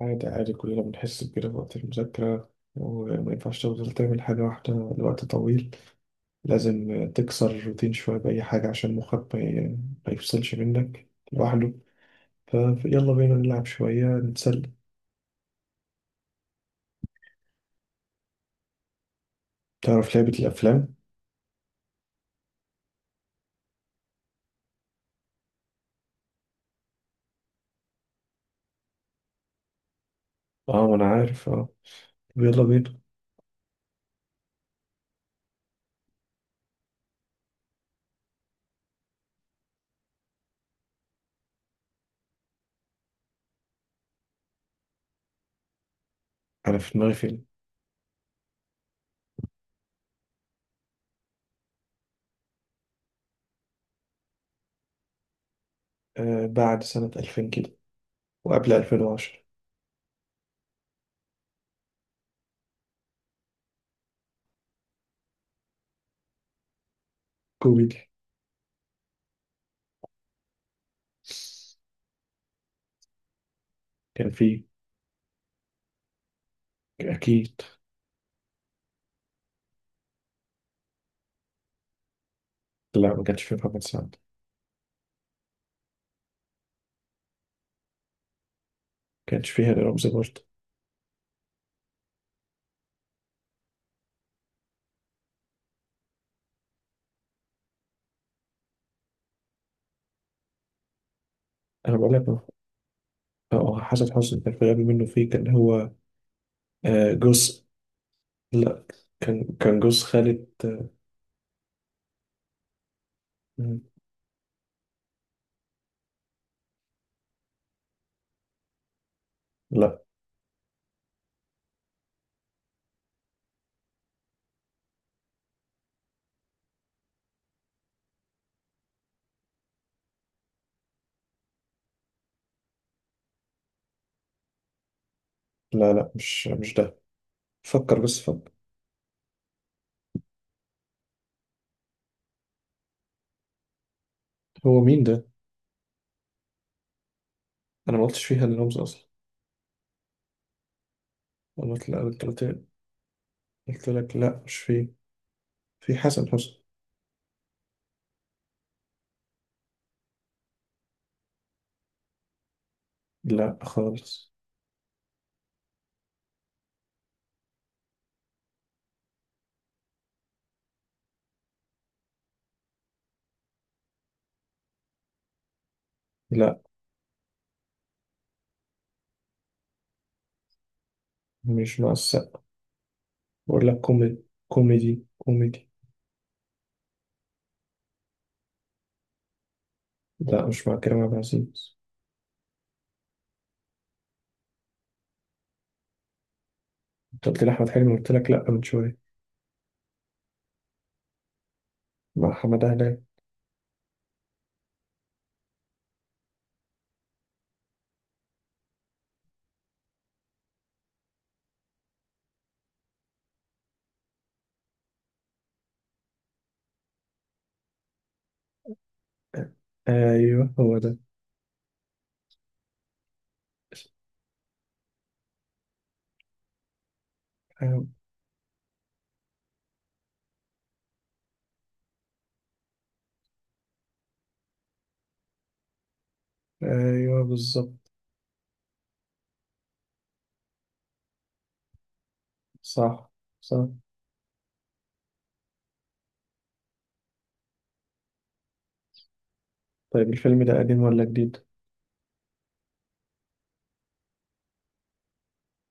عادي عادي، كلنا بنحس بكده في وقت المذاكرة وما ينفعش تفضل تعمل حاجة واحدة لوقت طويل. لازم تكسر الروتين شوية بأي حاجة عشان مخك ما يفصلش منك لوحده. فيلا بينا نلعب شوية نتسلى. تعرف لعبة الأفلام؟ اه، ما أنا عارف. اه طب يلا بينا. أنا في دماغي فيلم. آه، بعد سنة 2000 كده وقبل 2010. كوميدي. كان فيه. أكيد. لا، ما كانش فيه محمد سعد. ما كانش فيه هاني رمزي برضه. أنا بقول لك، اه حسن حسني كان في الغبي منه فيه، كان هو. آه، جوز. لا، كان جوز خالد، آه،. مم. لا، لا، لا، مش ده. فكر بس فكر. هو مين ده؟ أنا ما قلتش فيها لرمز أصلا. أنا قلت لا، قلت. قلت لك لا مش فيه. في حسن حسني. لا خالص. لا، مش مع السقا. بقول لك كوميدي كوميدي كوميدي. لا، مش مع كريم عبد العزيز. أنت قلت لي أحمد حلمي، قلت لك لا من شوية. مع حمد هلال. آه، أيوه هو ده. آه، آه، ايوه بالظبط. صح. صح. طيب، الفيلم ده قديم ولا جديد؟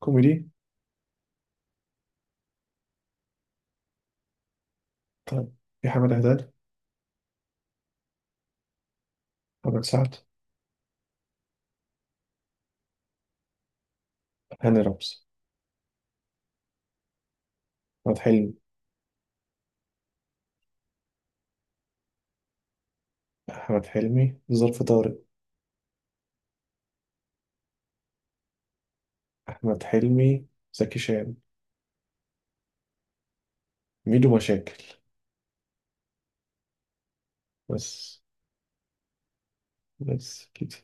كوميدي؟ طيب. في حمد هلال، محمد سعد، هاني رمزي، أحمد حلمي، أحمد حلمي، ظرف طارق، أحمد حلمي، زكي شان، ميدو مشاكل. بس. بس كده.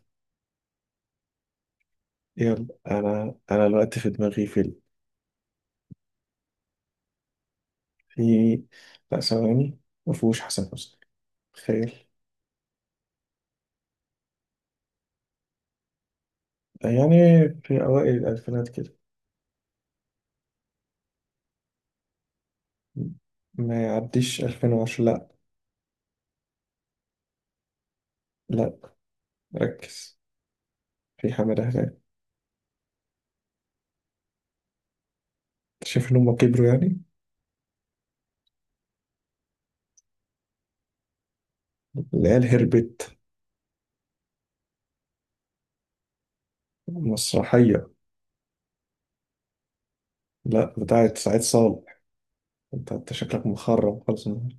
يلا، أنا الوقت في دماغي فيلم. في. لا، ثواني. مفهوش حسن حسني. تخيل. يعني في أوائل الألفينات كده. ما يعديش 2010. لا. لا، ركز. في حمد هلال. شايف إن هما كبروا يعني. اللي هي الهربت. مسرحية. لا، بتاعت سعيد صالح. انت انت شكلك مخرب خالص النهاردة.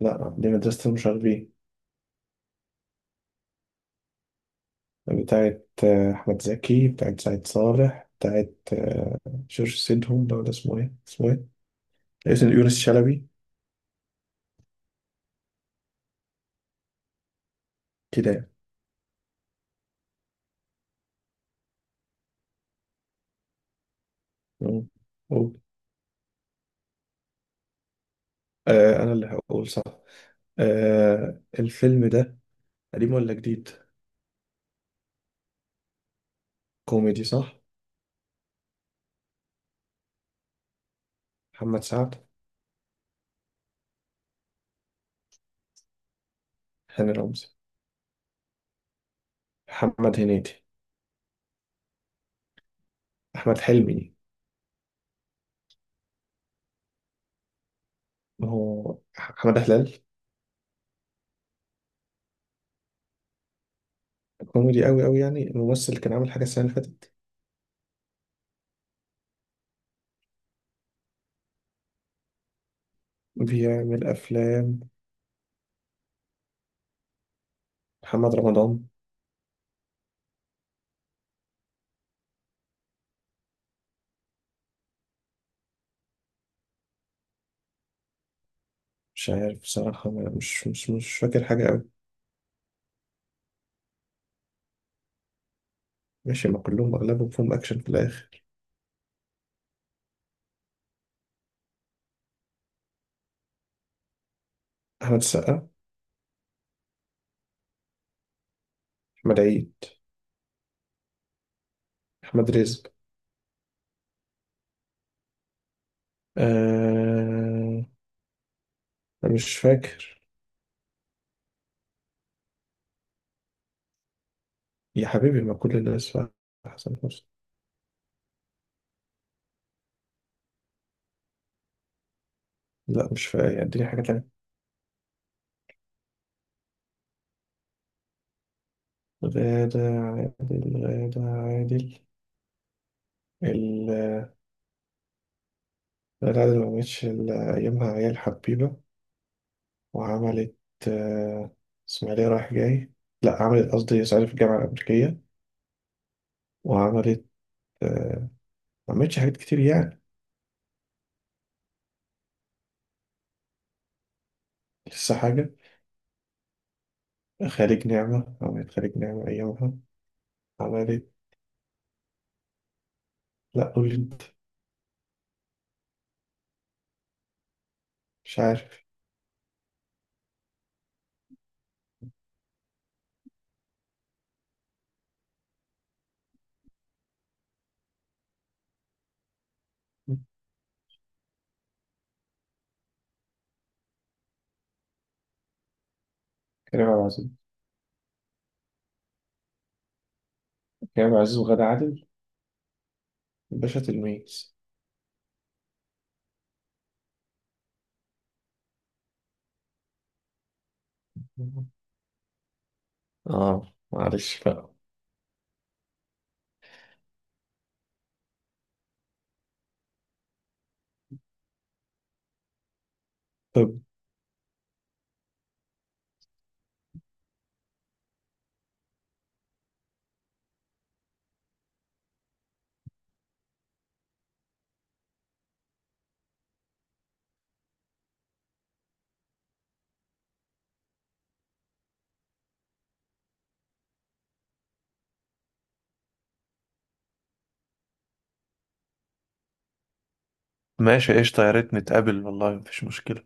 لا، دي مدرسة المشاغبين. بتاعت أحمد زكي. بتاعت سعيد صالح. بتاعت آه،. جورج سيدهم ده ولا اسمه ايه، اسمه ايه، اسم يونس شلبي كده يعني. مم. قول. آه، أنا اللي هقول صح. آه، الفيلم ده قديم ولا جديد؟ كوميدي صح؟ محمد سعد. هاني رمزي. محمد هنيدي. أحمد حلمي. ما هو أحمد هلال. كوميدي قوي قوي يعني الممثل اللي كان عامل حاجة السنة اللي فاتت. بيعمل أفلام. محمد رمضان. مش عارف بصراحة، مش فاكر حاجة قوي. ماشي، ما كلهم أغلبهم فيهم أكشن في الآخر. أحمد السقا. أحمد عيد. أحمد رزق. آه... مش فاكر. يا حبيبي ما كل الناس حسن حسني. لا مش فاكر، اديني حاجة تانية. غادة عادل، غادة عادل، ال- غادة عادل ما عملتش إلا أيامها عيال حبيبة، وعملت، آه، إسماعيلية رايح جاي، لا عملت قصدي صعيدي في الجامعة الأمريكية، وعملت، آه، ما عملتش حاجات كتير يعني. لسه حاجة. خارج نعمة، عملت خارج نعمة أيامها. عملت. لا، قول لي أنت. مش عارف. كريم عبد العزيز. كريم عبد العزيز وغادة عادل. باشا تلميذ. اه، معلش بقى. طب ماشي قشطة، يا ريت نتقابل والله مفيش مشكلة.